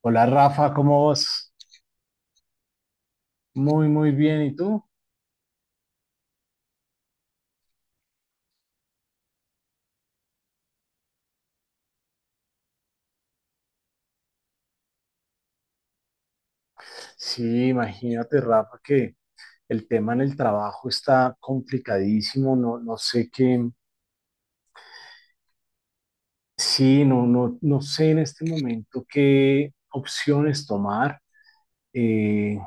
Hola Rafa, ¿cómo vas? Muy, muy bien. ¿Y tú? Sí, imagínate, Rafa, que el tema en el trabajo está complicadísimo. No, no sé qué. Sí, no, no, no sé en este momento qué opciones tomar. Eh,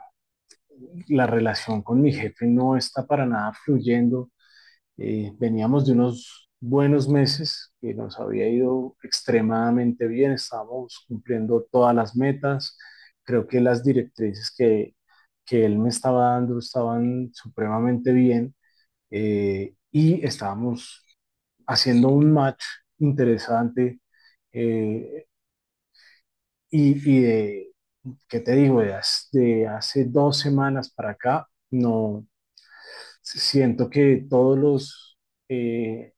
la relación con mi jefe no está para nada fluyendo. Veníamos de unos buenos meses que nos había ido extremadamente bien, estábamos cumpliendo todas las metas, creo que las directrices que él me estaba dando estaban supremamente bien, y estábamos haciendo un match interesante. eh, y, y de, ¿Qué te digo? De, hace, de Hace 2 semanas para acá, no siento que todos los eh,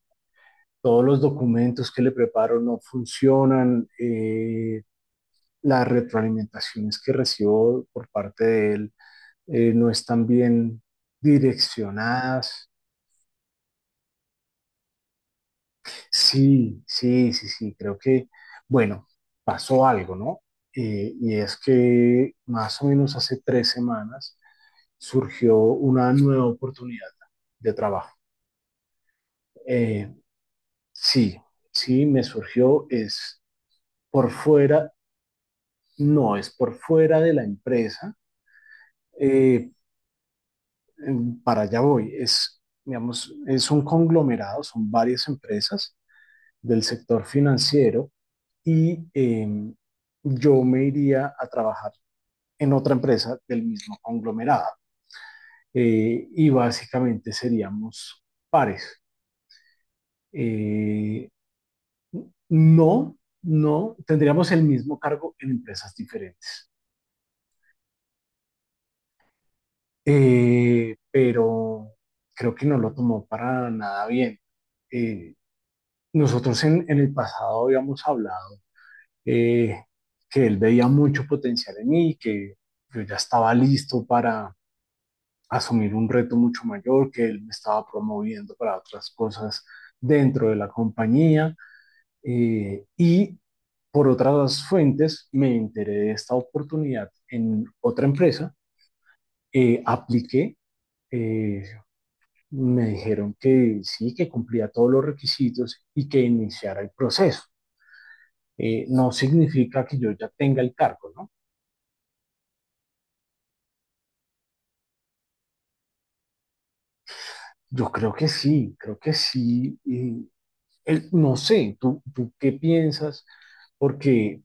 documentos que le preparo no funcionan. Las retroalimentaciones que recibo por parte de él, no están bien direccionadas. Sí, sí, sí, sí, creo que, bueno, pasó algo, ¿no? Y es que más o menos hace 3 semanas surgió una nueva oportunidad de trabajo. Eh, sí, sí, me surgió, es por fuera. No, es por fuera de la empresa. eh, para allá voy. Es, digamos, es un conglomerado, son varias empresas del sector financiero, y yo me iría a trabajar en otra empresa del mismo conglomerado. Y básicamente seríamos pares. Eh, no, no, tendríamos el mismo cargo en empresas diferentes. Pero creo que no lo tomó para nada bien. Eh, Nosotros en el pasado habíamos hablado, eh, que él veía mucho potencial en mí, que yo ya estaba listo para asumir un reto mucho mayor, que él me estaba promoviendo para otras cosas dentro de la compañía, y por otras fuentes me enteré de esta oportunidad en otra empresa. Apliqué, eh, me dijeron que sí, que cumplía todos los requisitos y que iniciara el proceso. No significa que yo ya tenga el cargo, ¿no? Yo creo que sí, creo que sí. y No sé, ¿tú qué piensas? Porque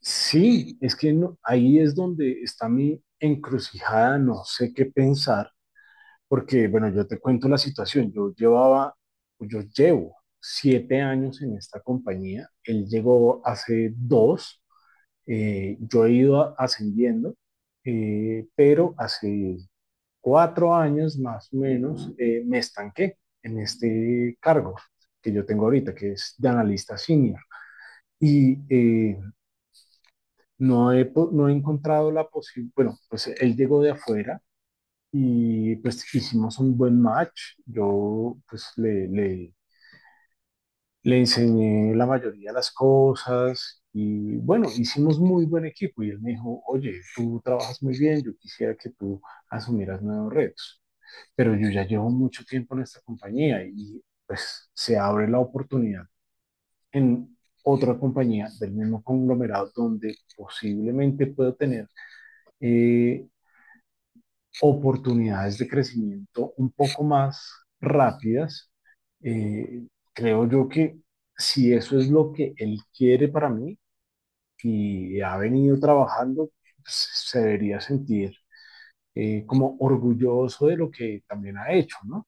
sí, es que ahí es donde está mi encrucijada, no sé qué pensar, porque bueno, yo te cuento la situación, yo llevo 7 años en esta compañía, él llegó hace dos. Yo he ido ascendiendo, pero hace 4 años más o menos, me estanqué en este cargo que yo tengo ahorita, que es de analista senior. Y no, no he encontrado la posibilidad. Bueno, pues él llegó de afuera y pues hicimos un buen match, yo pues le enseñé la mayoría de las cosas y bueno, hicimos muy buen equipo y él me dijo: oye, tú trabajas muy bien, yo quisiera que tú asumieras nuevos retos, pero yo ya llevo mucho tiempo en esta compañía y pues se abre la oportunidad en otra compañía del mismo conglomerado donde posiblemente puedo tener eh, oportunidades de crecimiento un poco más rápidas. Eh, Creo yo que si eso es lo que él quiere para mí y ha venido trabajando, pues se debería sentir, como orgulloso de lo que también ha hecho, ¿no?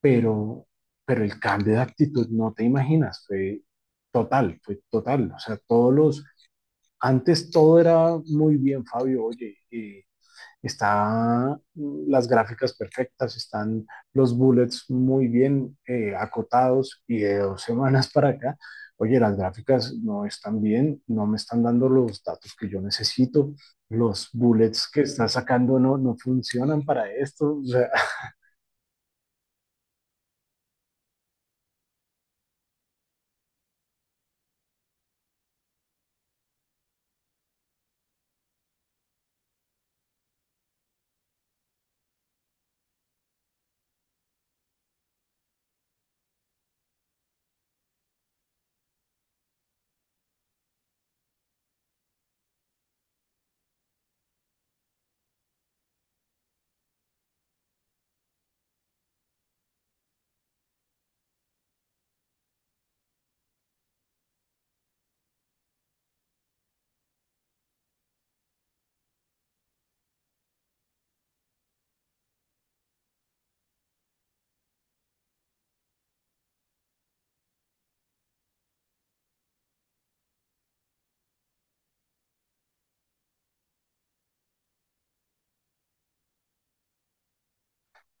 Pero, pero el cambio de actitud, no te imaginas, fue total, fue total. O sea, antes todo era muy bien, Fabio. Oye, están las gráficas perfectas, están los bullets muy bien, acotados, y de dos semanas para acá, oye, las gráficas no están bien, no me están dando los datos que yo necesito, los bullets que está sacando no, no funcionan para esto. O sea,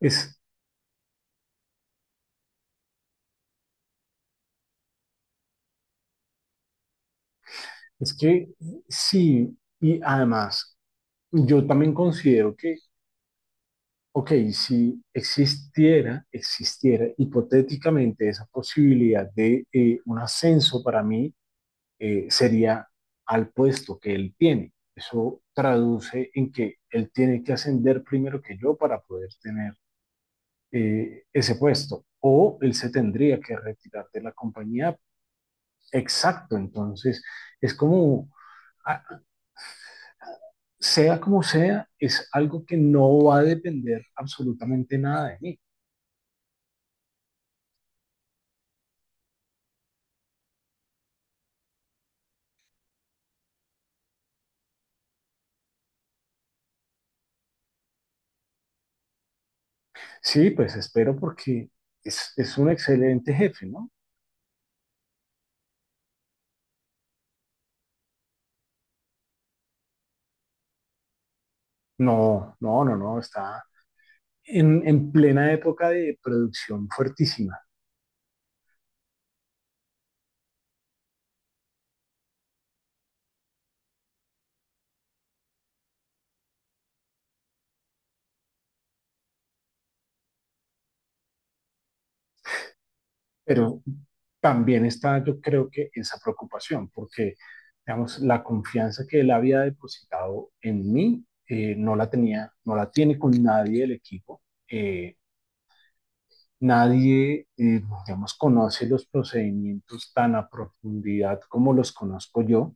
es, es, que sí, y además, yo también considero que, ok, si existiera hipotéticamente esa posibilidad de, un ascenso para mí, sería al puesto que él tiene. Eso traduce en que él tiene que ascender primero que yo para poder tener ese puesto. O él se tendría que retirar de la compañía. Exacto, entonces es como, ah, sea como sea, es algo que no va a depender absolutamente nada de mí. Sí, pues espero porque es, un excelente jefe, ¿no? No, no, no, no, está en plena época de producción fuertísima, pero también está, yo creo, que esa preocupación, porque, digamos, la confianza que él había depositado en mí, no la tenía, no la tiene con nadie del equipo. Eh, Nadie, digamos, conoce los procedimientos tan a profundidad como los conozco yo.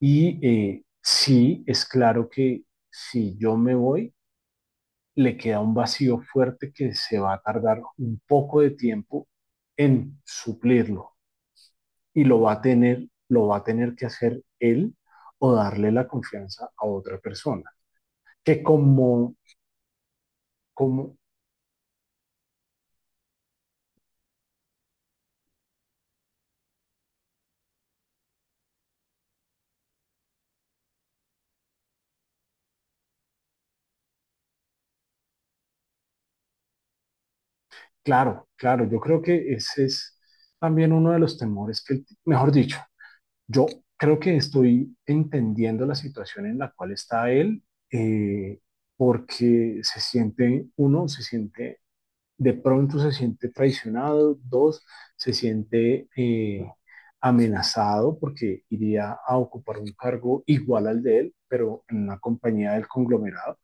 Y sí, es claro que si yo me voy, le queda un vacío fuerte que se va a tardar un poco de tiempo en suplirlo, y lo va a tener, lo va a tener que hacer él, o darle la confianza a otra persona. Que como, como, claro, claro, yo creo que ese es también uno de los temores que... Mejor dicho, yo creo que estoy entendiendo la situación en la cual está él, eh, porque se siente, uno, se siente, de pronto se siente traicionado; dos, se siente amenazado porque iría a ocupar un cargo igual al de él, pero en una compañía del conglomerado.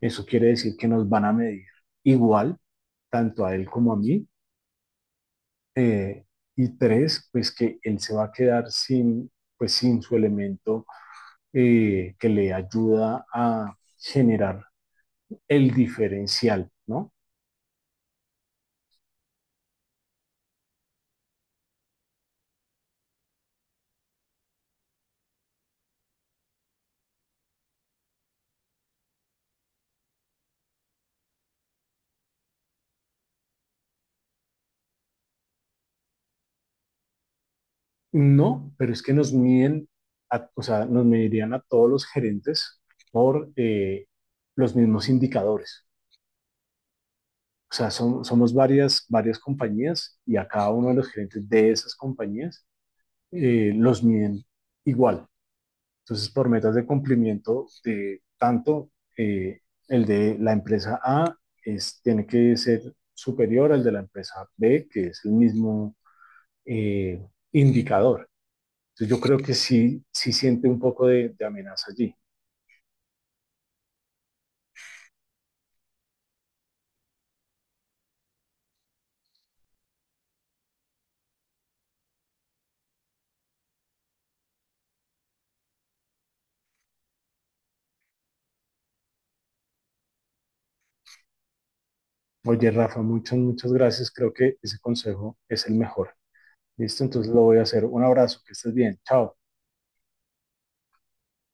Eso quiere decir que nos van a medir igual, tanto a él como a mí. eh, y tres, pues que él se va a quedar sin, pues sin su elemento que le ayuda a generar el diferencial, ¿no? No, pero es que nos miden, o sea, nos medirían a todos los gerentes por los mismos indicadores. O sea, somos varias compañías, y a cada uno de los gerentes de esas compañías los miden igual. Entonces, por metas de cumplimiento de tanto, eh, el de la empresa A es, tiene que ser superior al de la empresa B, que es el mismo eh, indicador. Entonces, yo creo que sí, sí siente un poco de amenaza allí. Oye, Rafa, muchas, muchas gracias. Creo que ese consejo es el mejor. Listo, entonces lo voy a hacer. Un abrazo, que estés bien. Chao.